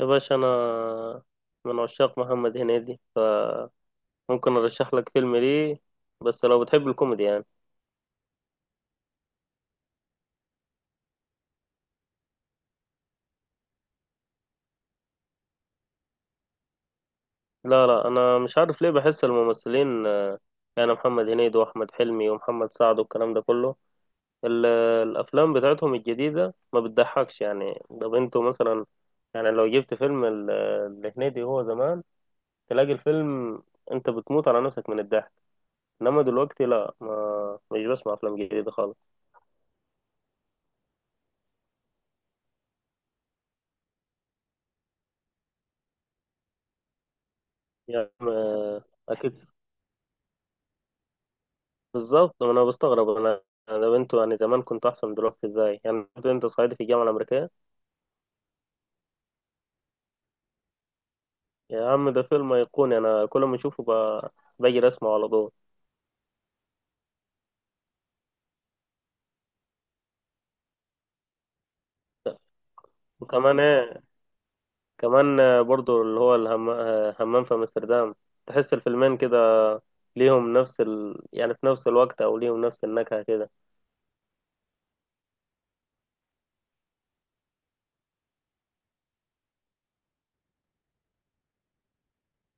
يا باشا أنا من عشاق محمد هنيدي، فممكن أرشح لك فيلم، ليه؟ بس لو بتحب الكوميدي يعني. لا لا، أنا مش عارف ليه بحس الممثلين يعني محمد هنيدي وأحمد حلمي ومحمد سعد والكلام ده كله، ال- الأفلام بتاعتهم الجديدة ما بتضحكش يعني. طب أنتوا مثلا، يعني لو جبت فيلم لهنيدي هو زمان، تلاقي الفيلم أنت بتموت على نفسك من الضحك. إنما دلوقتي لا، ما مش بسمع أفلام جديدة خالص. يعني أكيد. بالظبط، ما انا بستغرب انا. ده انتوا يعني زمان كنتوا احسن، دلوقتي ازاي يعني؟ برضه انت صعيدي في الجامعه الامريكيه. يا عم ده فيلم ايقوني، انا كل ما اشوفه باجي اسمعه على طول. وكمان ايه، كمان برضه اللي هو الهم... آه، همام في امستردام. تحس الفيلمين كده ليهم نفس يعني في نفس الوقت او ليهم نفس النكهه كده.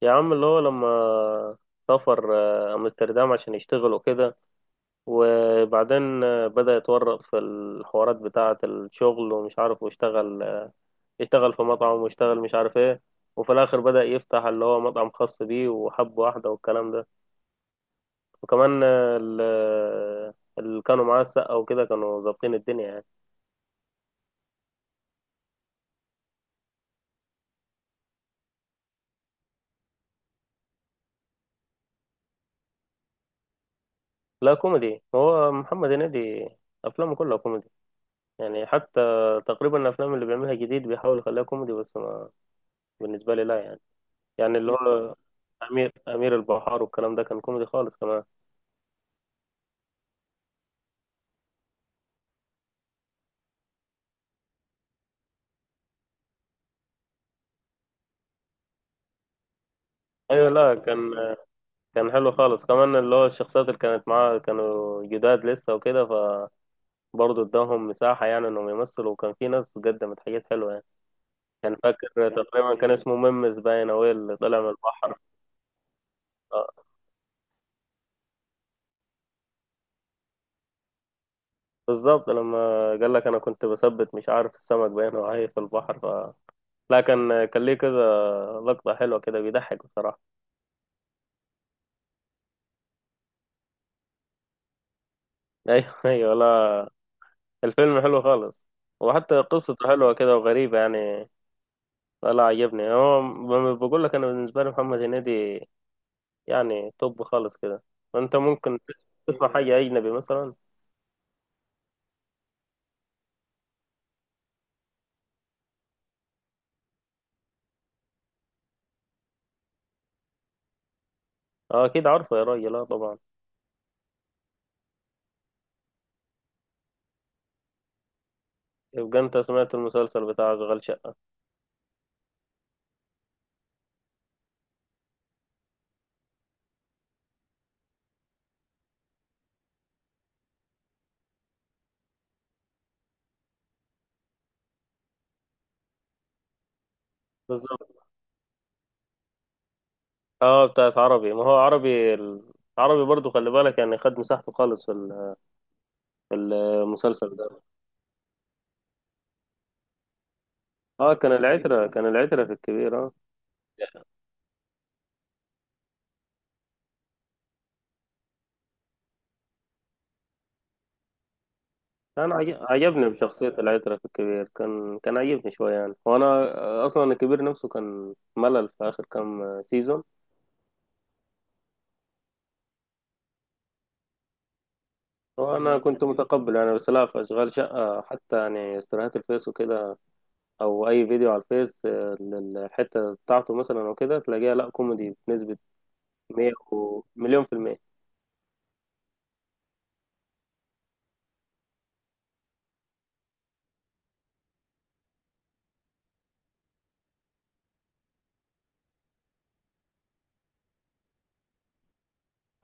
يا عم اللي هو لما سافر امستردام عشان يشتغل وكده، وبعدين بدأ يتورط في الحوارات بتاعة الشغل ومش عارف، واشتغل في مطعم، واشتغل مش عارف ايه، وفي الاخر بدأ يفتح اللي هو مطعم خاص بيه وحب واحدة والكلام ده. وكمان اللي كانوا معاه السقا وكده كانوا ظابطين الدنيا يعني. لا كوميدي، هو محمد هنيدي افلامه كلها كوميدي، يعني حتى تقريبا الافلام اللي بيعملها جديد بيحاول يخليها كوميدي بس ما بالنسبة لي لا يعني. يعني اللي هو امير البحار والكلام ده كان كوميدي خالص كمان. ايوه، لا كان حلو خالص كمان، اللي هو الشخصيات اللي كانت معاه كانوا جداد لسه وكده، برضه اداهم مساحة يعني انهم يمثلوا، وكان في ناس قدمت حاجات حلوة يعني. كان فاكر تقريبا كان اسمه ممس باين او إيه اللي طلع من البحر آه. بالظبط، لما قال لك انا كنت بثبت مش عارف السمك باين وعاي في البحر لا كان ليه كذا لقطة حلوة كده، بيضحك بصراحة. ايوه ايوه، لا الفيلم حلو خالص، وحتى قصته حلوة كده وغريبة يعني. لا عجبني هو، بقول لك انا بالنسبة لي محمد هنيدي يعني توب خالص كده. انت ممكن تسمع حاجة اجنبي مثلا. اه اكيد عارفه يا راجل، اه طبعا. يبقى انت سمعت المسلسل بتاع اشغال شقه. بالظبط. اه بتاعت عربي، ما هو عربي عربي برضو خلي بالك يعني، خد مساحته خالص في في المسلسل ده. اه كان العترة في الكبير اه. انا عجبني بشخصية العترة في الكبير، كان عجبني شوية يعني، وانا اصلا الكبير نفسه كان ملل في اخر كام سيزون. وانا كنت متقبل يعني، بس لا في اشغال شقة حتى يعني استراحات الفيس وكده، او اي فيديو على الفيس الحته بتاعته مثلا او كده، تلاقيها لا كوميدي بنسبه 100 ومليون في المية.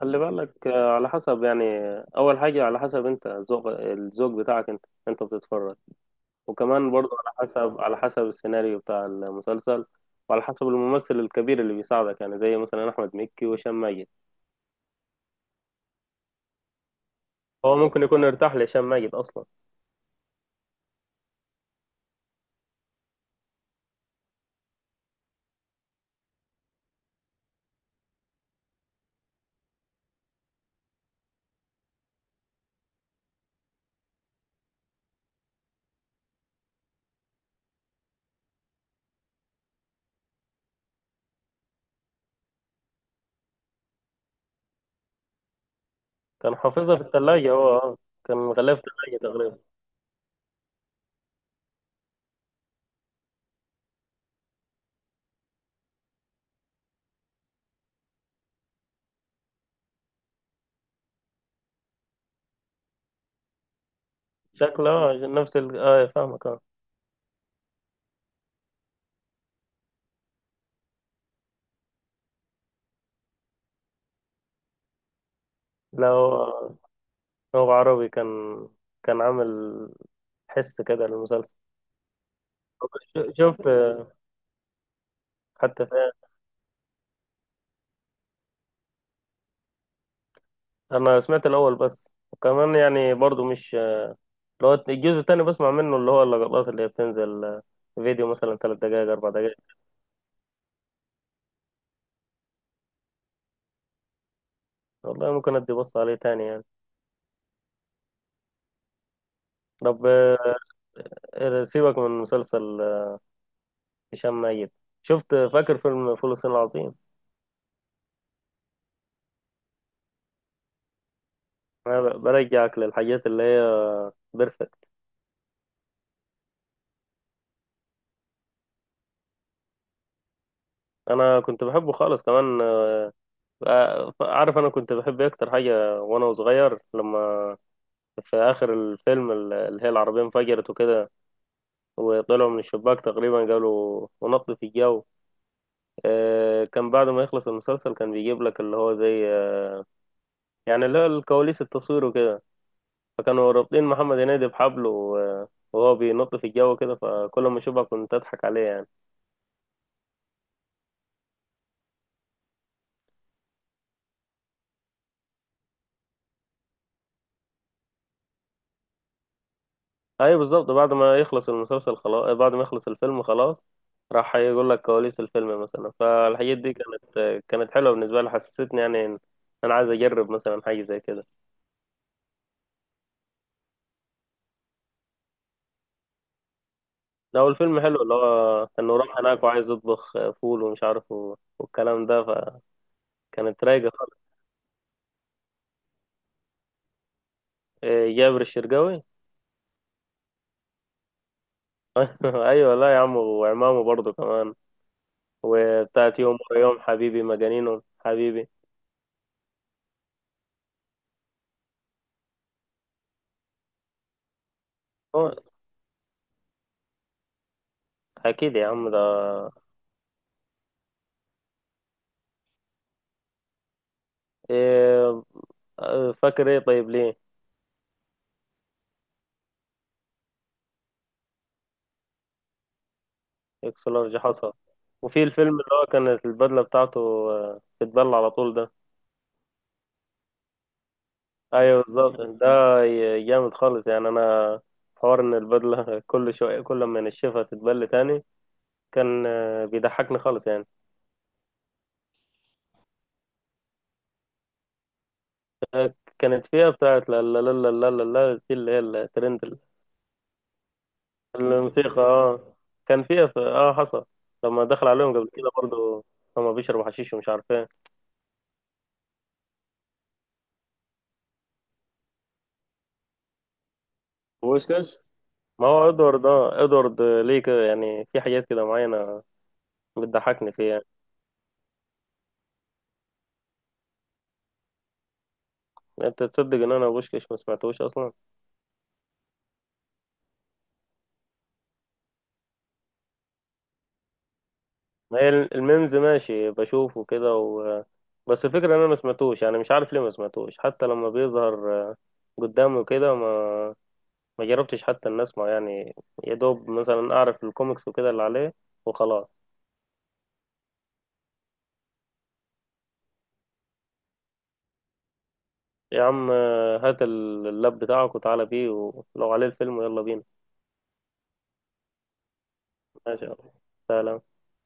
خلي بالك على حسب يعني، اول حاجه على حسب انت الذوق بتاعك، انت بتتفرج. وكمان برضو على حسب السيناريو بتاع المسلسل، وعلى حسب الممثل الكبير اللي بيساعدك، يعني زي مثلا احمد مكي وهشام ماجد. هو ممكن يكون ارتاح لهشام ماجد اصلا. كان حافظها في الثلاجه هو. كان غلاف ثلاجه تقريبا. شكله نفس اه فاهمك اه. لو هو عربي كان عامل حس كده للمسلسل. شفت. حتى فيه. انا سمعت الاول بس، وكمان يعني برضو مش اللي هو الجزء التاني بسمع منه، اللي هو اللقطات اللي هي بتنزل فيديو مثلا 3 دقائق 4 دقائق. والله ممكن ادي بص عليه تاني يعني. طب سيبك من مسلسل هشام، ميت شفت فاكر فيلم فول الصين العظيم؟ انا برجعك للحاجات اللي هي بيرفكت. انا كنت بحبه خالص كمان. عارف انا كنت بحب إيه اكتر حاجه وانا صغير؟ لما في اخر الفيلم اللي هي العربيه انفجرت وكده، وطلعوا من الشباك تقريبا قالوا، ونط في الجو، كان بعد ما يخلص المسلسل كان بيجيب لك اللي هو زي يعني اللي هو الكواليس، التصوير وكده. فكانوا رابطين محمد هنيدي بحبل وهو بينط في الجو كده، فكل ما اشوفها كنت اضحك عليه يعني. ايوه بالظبط، بعد ما يخلص المسلسل خلاص، بعد ما يخلص الفيلم خلاص، راح يقول لك كواليس الفيلم مثلا، فالحاجات دي كانت حلوه بالنسبه لي، حسستني يعني إن انا عايز اجرب مثلا حاجه زي كده. لو الفيلم حلو اللي هو انه راح هناك وعايز يطبخ فول ومش عارف والكلام ده. فكانت رايقه خالص. جابر الشرقاوي. ايوه، لا يا عم وعمامه برضه كمان، وبتاعت يوم ورا يوم حبيبي مجانينه حبيبي. هو اكيد يا عم ده. إيه، فاكر ايه طيب ليه؟ اكس لارج حصى. وفي الفيلم اللي هو كانت البدلة بتاعته بتبل على طول ده. ايوه بالظبط ده جامد خالص يعني. انا حوار ان البدلة كل شوية كل ما نشفها تتبل تاني، كان بيضحكني خالص يعني. كانت فيها بتاعت لا لا لا لا لا لا دي اللي هي الترند. الموسيقى اه كان فيها، في اه حصل لما دخل عليهم قبل كده برضه، هما بيشربوا حشيش ومش عارف ايه، ويسكس. ما هو ادوارد ليه كده يعني، في حاجات كده معينة بتضحكني فيه يعني. انت تصدق ان انا بوشكاش ما سمعتوش اصلا؟ ما هي الميمز ماشي بشوفه كده بس الفكره ان انا ما سمعتوش يعني، مش عارف ليه ما سمعتوش، حتى لما بيظهر قدامي كده ما ما جربتش حتى ان اسمع يعني، يا دوب مثلا اعرف الكوميكس وكده اللي عليه، وخلاص. يا عم هات اللاب بتاعك وتعالى بيه، ولو عليه الفيلم يلا بينا. ماشي يا عم. سلام